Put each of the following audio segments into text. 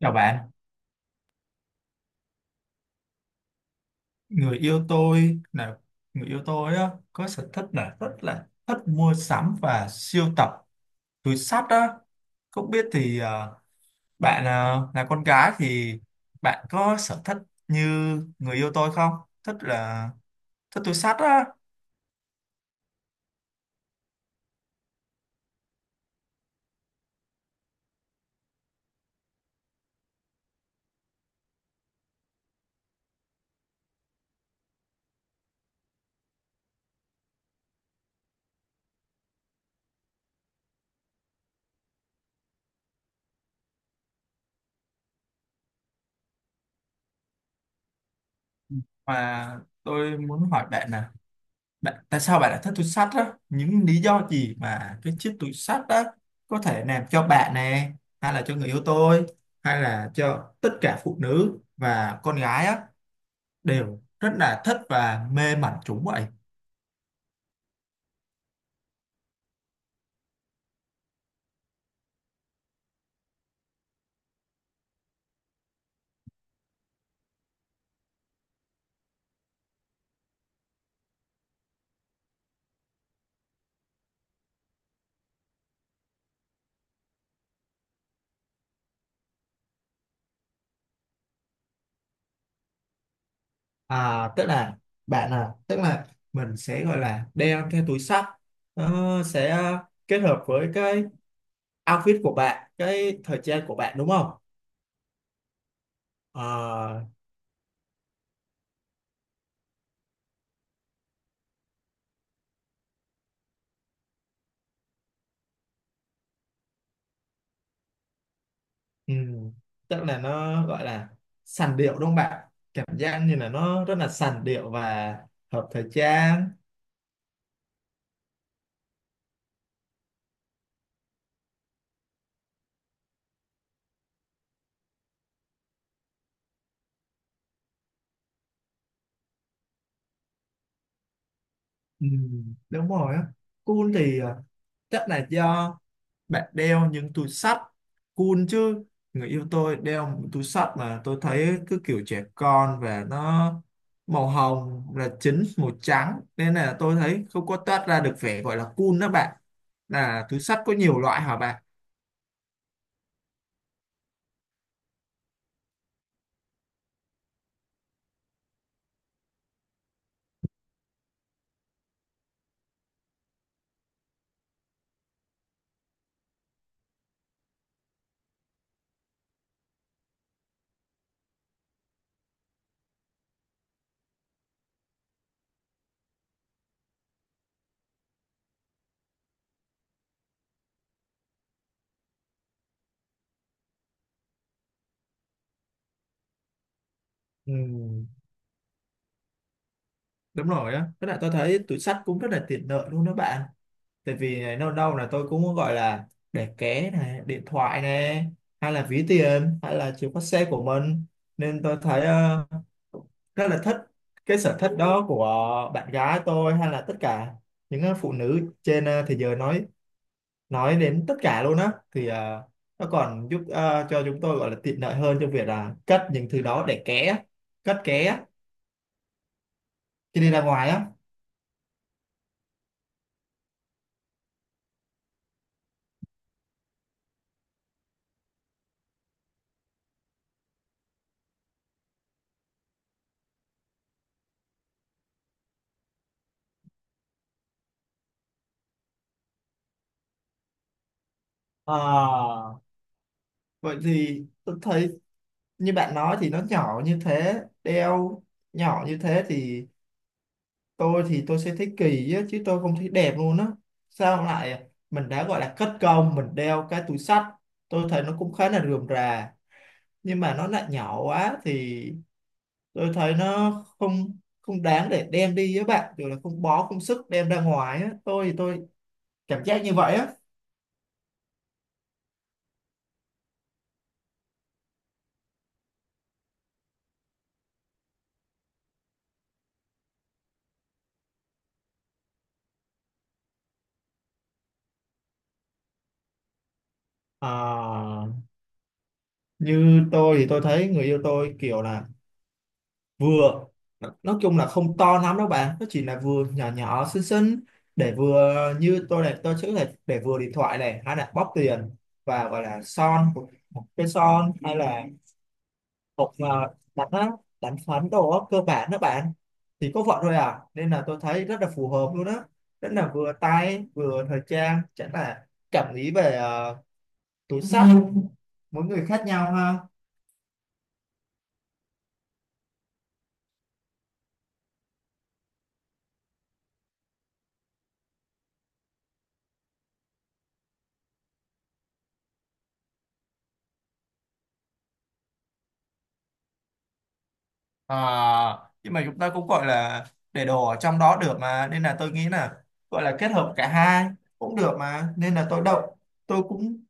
Chào bạn, người yêu tôi là người yêu tôi á, có sở thích là rất là thích mua sắm và sưu tập túi xách á. Không biết thì bạn là con gái thì bạn có sở thích như người yêu tôi không? Thích là thích túi xách á. Mà tôi muốn hỏi bạn nè, bạn, tại sao bạn lại thích túi xách á? Những lý do gì mà cái chiếc túi xách đó có thể làm cho bạn nè, hay là cho người yêu tôi, hay là cho tất cả phụ nữ và con gái á đều rất là thích và mê mẩn chúng vậy. À, tức là bạn à, tức là mình sẽ gọi là đeo cái túi xách, nó sẽ kết hợp với cái outfit của bạn, cái thời trang của bạn đúng không? Ờ. Ừ. Tức là nó gọi là sành điệu đúng không bạn? Cảm giác như là nó rất là sành điệu và hợp thời trang. Ừ. Đúng rồi á. Cool thì à, chắc là do bạn đeo những túi xách cool chứ. Người yêu tôi đeo một túi xách mà tôi thấy cứ kiểu trẻ con và nó màu hồng là chính màu trắng nên là tôi thấy không có toát ra được vẻ gọi là cool đó bạn. Là túi xách có nhiều loại hả bạn? Ừ, đúng rồi á, với lại tôi thấy túi xách cũng rất là tiện lợi luôn đó bạn, tại vì này, đâu đâu là tôi cũng có gọi là để ké này điện thoại này hay là ví tiền hay là chìa khóa xe của mình, nên tôi thấy rất là thích cái sở thích đó của bạn gái tôi hay là tất cả những phụ nữ trên thế giới, nói đến tất cả luôn á thì nó còn giúp cho chúng tôi gọi là tiện lợi hơn trong việc là cất những thứ đó để ké, cất ké khi đi ra ngoài á. Ờ, vậy thì tôi thấy như bạn nói thì nó nhỏ như thế, nhỏ như thế thì tôi sẽ thấy kỳ á, chứ tôi không thấy đẹp luôn á. Sao lại mình đã gọi là cất công, mình đeo cái túi xách, tôi thấy nó cũng khá là rườm rà, nhưng mà nó lại nhỏ quá thì tôi thấy nó không không đáng để đem đi với bạn, rồi là không bó công sức đem ra ngoài á. Tôi cảm giác như vậy á. Ờ, như tôi thấy người yêu tôi kiểu là vừa nói chung là không to lắm đâu bạn, nó chỉ là vừa nhỏ nhỏ xinh xinh, để vừa như tôi này, tôi chữ này để vừa điện thoại này hay là bóp tiền và gọi là một cái son hay là một đánh á, đánh phấn đồ á, cơ bản đó bạn, thì có vậy thôi à nên là tôi thấy rất là phù hợp luôn á, rất là vừa tay vừa thời trang, chẳng là cảm nghĩ về túi xách mỗi người khác nhau ha. À, nhưng mà chúng ta cũng gọi là để đồ ở trong đó được mà, nên là tôi nghĩ là gọi là kết hợp cả hai cũng được mà, nên là tôi cũng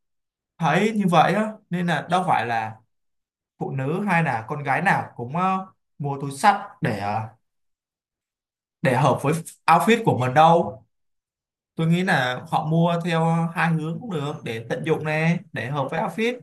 thấy như vậy á, nên là đâu phải là phụ nữ hay là con gái nào cũng mua túi xách để để hợp với outfit của mình đâu. Tôi nghĩ là họ mua theo hai hướng cũng được, để tận dụng nè, để hợp với outfit.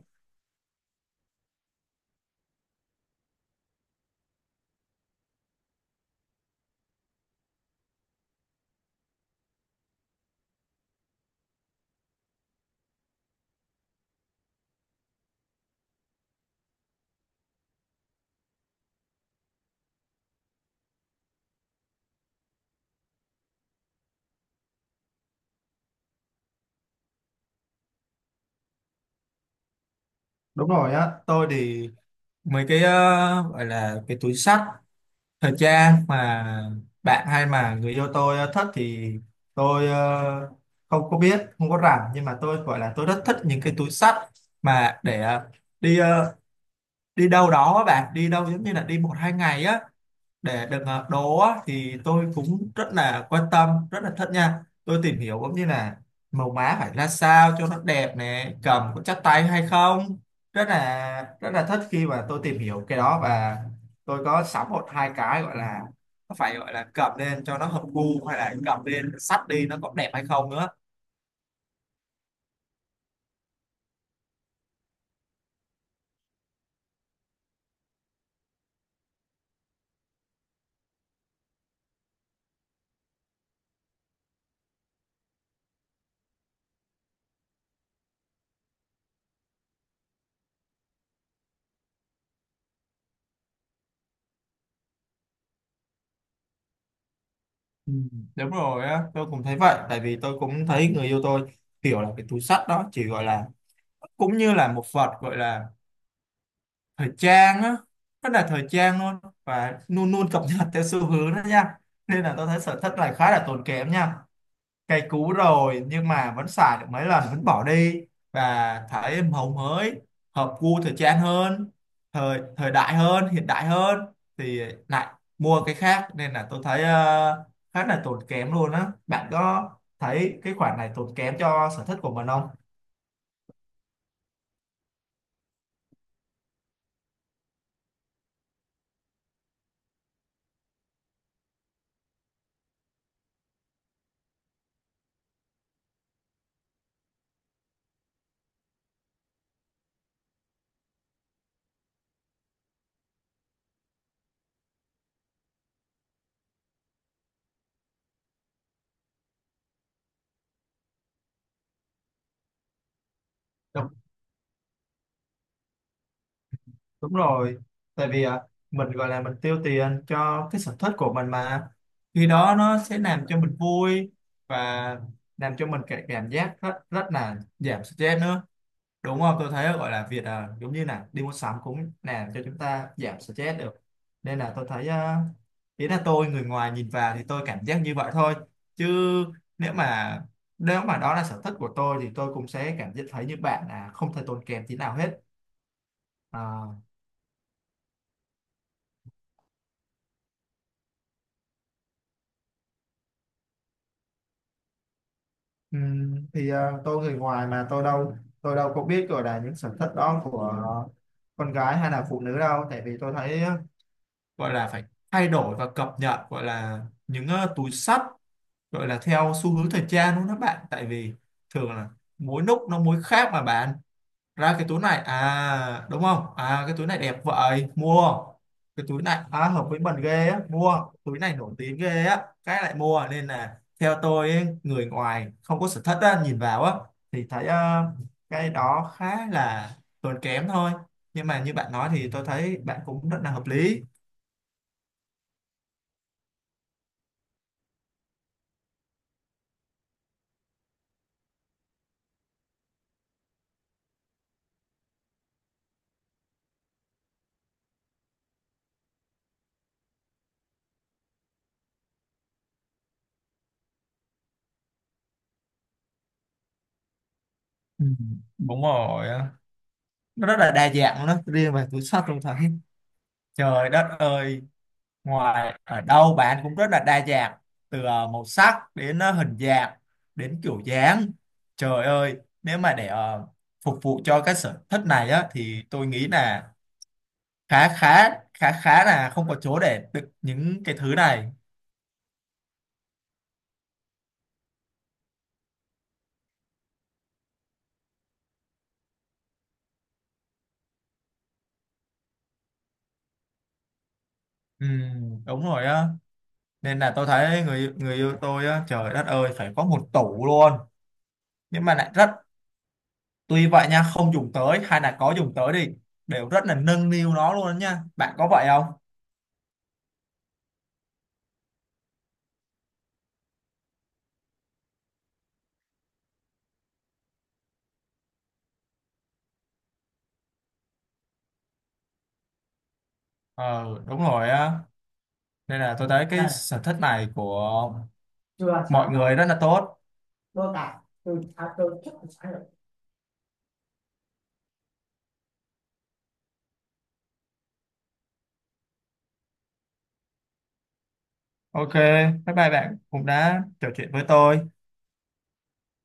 Đúng rồi á, tôi thì mấy cái gọi là cái túi xách thời trang mà bạn hay mà người yêu tôi thích thì tôi không có biết không có rảnh, nhưng mà tôi gọi là tôi rất thích những cái túi xách mà để đi đi đâu đó á bạn, đi đâu giống như là đi một hai ngày á, để được đồ, thì tôi cũng rất là quan tâm rất là thích nha, tôi tìm hiểu cũng như là màu má phải ra sao cho nó đẹp nè, cầm có chắc tay hay không, rất là thích khi mà tôi tìm hiểu cái đó, và tôi có sắm một hai cái, gọi là nó phải gọi là cầm lên cho nó hợp gu, hay là cầm lên sắt đi nó có đẹp hay không nữa. Ừ, đúng rồi á, tôi cũng thấy vậy, tại vì tôi cũng thấy người yêu tôi kiểu là cái túi sắt đó chỉ gọi là cũng như là một vật gọi là thời trang á, rất là thời trang luôn và luôn luôn cập nhật theo xu hướng đó nha, nên là tôi thấy sở thích này khá là tốn kém nha. Cây cũ rồi nhưng mà vẫn xài được mấy lần vẫn bỏ đi, và thấy màu mới hợp gu thời trang hơn, thời thời đại hơn, hiện đại hơn, thì lại mua cái khác. Nên là tôi thấy khá là tốn kém luôn á, bạn có thấy cái khoản này tốn kém cho sở thích của mình không? Đúng rồi, tại vì à, mình gọi là mình tiêu tiền cho cái sở thích của mình mà, khi đó nó sẽ làm cho mình vui, và làm cho mình cái cảm giác rất rất là giảm stress nữa đúng không? Tôi thấy gọi là việc à, giống như là đi mua sắm cũng làm cho chúng ta giảm stress được, nên là tôi thấy à, ý là tôi người ngoài nhìn vào thì tôi cảm giác như vậy thôi, chứ nếu mà nếu mà đó là sở thích của tôi thì tôi cũng sẽ cảm giác thấy như bạn là không thể tốn kém tí nào hết. À, ừ, thì tôi người ngoài mà tôi đâu có biết gọi là những sở thích đó của con gái hay là phụ nữ đâu, tại vì tôi thấy gọi là phải thay đổi và cập nhật gọi là những túi xách gọi là theo xu hướng thời trang luôn đó bạn, tại vì thường là mỗi lúc nó mỗi khác mà bạn, ra cái túi này à đúng không, à cái túi này đẹp vậy mua, cái túi này à, hợp với mình ghê á mua, túi này nổi tiếng ghê á cái lại mua, nên là theo tôi ấy, người ngoài không có sở thích á, nhìn vào á thì thấy cái đó khá là tốn kém thôi, nhưng mà như bạn nói thì tôi thấy bạn cũng rất là hợp lý. Ừ, đúng rồi á. Nó rất là đa dạng luôn đó, riêng về túi xách tôi thấy trời đất ơi, ngoài ở đâu bạn cũng rất là đa dạng, từ màu sắc đến hình dạng, đến kiểu dáng. Trời ơi, nếu mà để phục vụ cho cái sở thích này á thì tôi nghĩ là khá khá khá khá là không có chỗ để đựng những cái thứ này. Ừ, đúng rồi á, nên là tôi thấy người người yêu tôi á trời đất ơi phải có một tủ luôn, nhưng mà lại rất tuy vậy nha, không dùng tới hay là có dùng tới đi đều rất là nâng niu nó luôn á nha, bạn có vậy không? Ờ đúng rồi á, nên là tôi thấy cái sở thích này của chưa mọi sáng người rất là tốt, tôi à, tôi thích sáng tạo. OK, bye bye bạn cũng đã trò chuyện với tôi.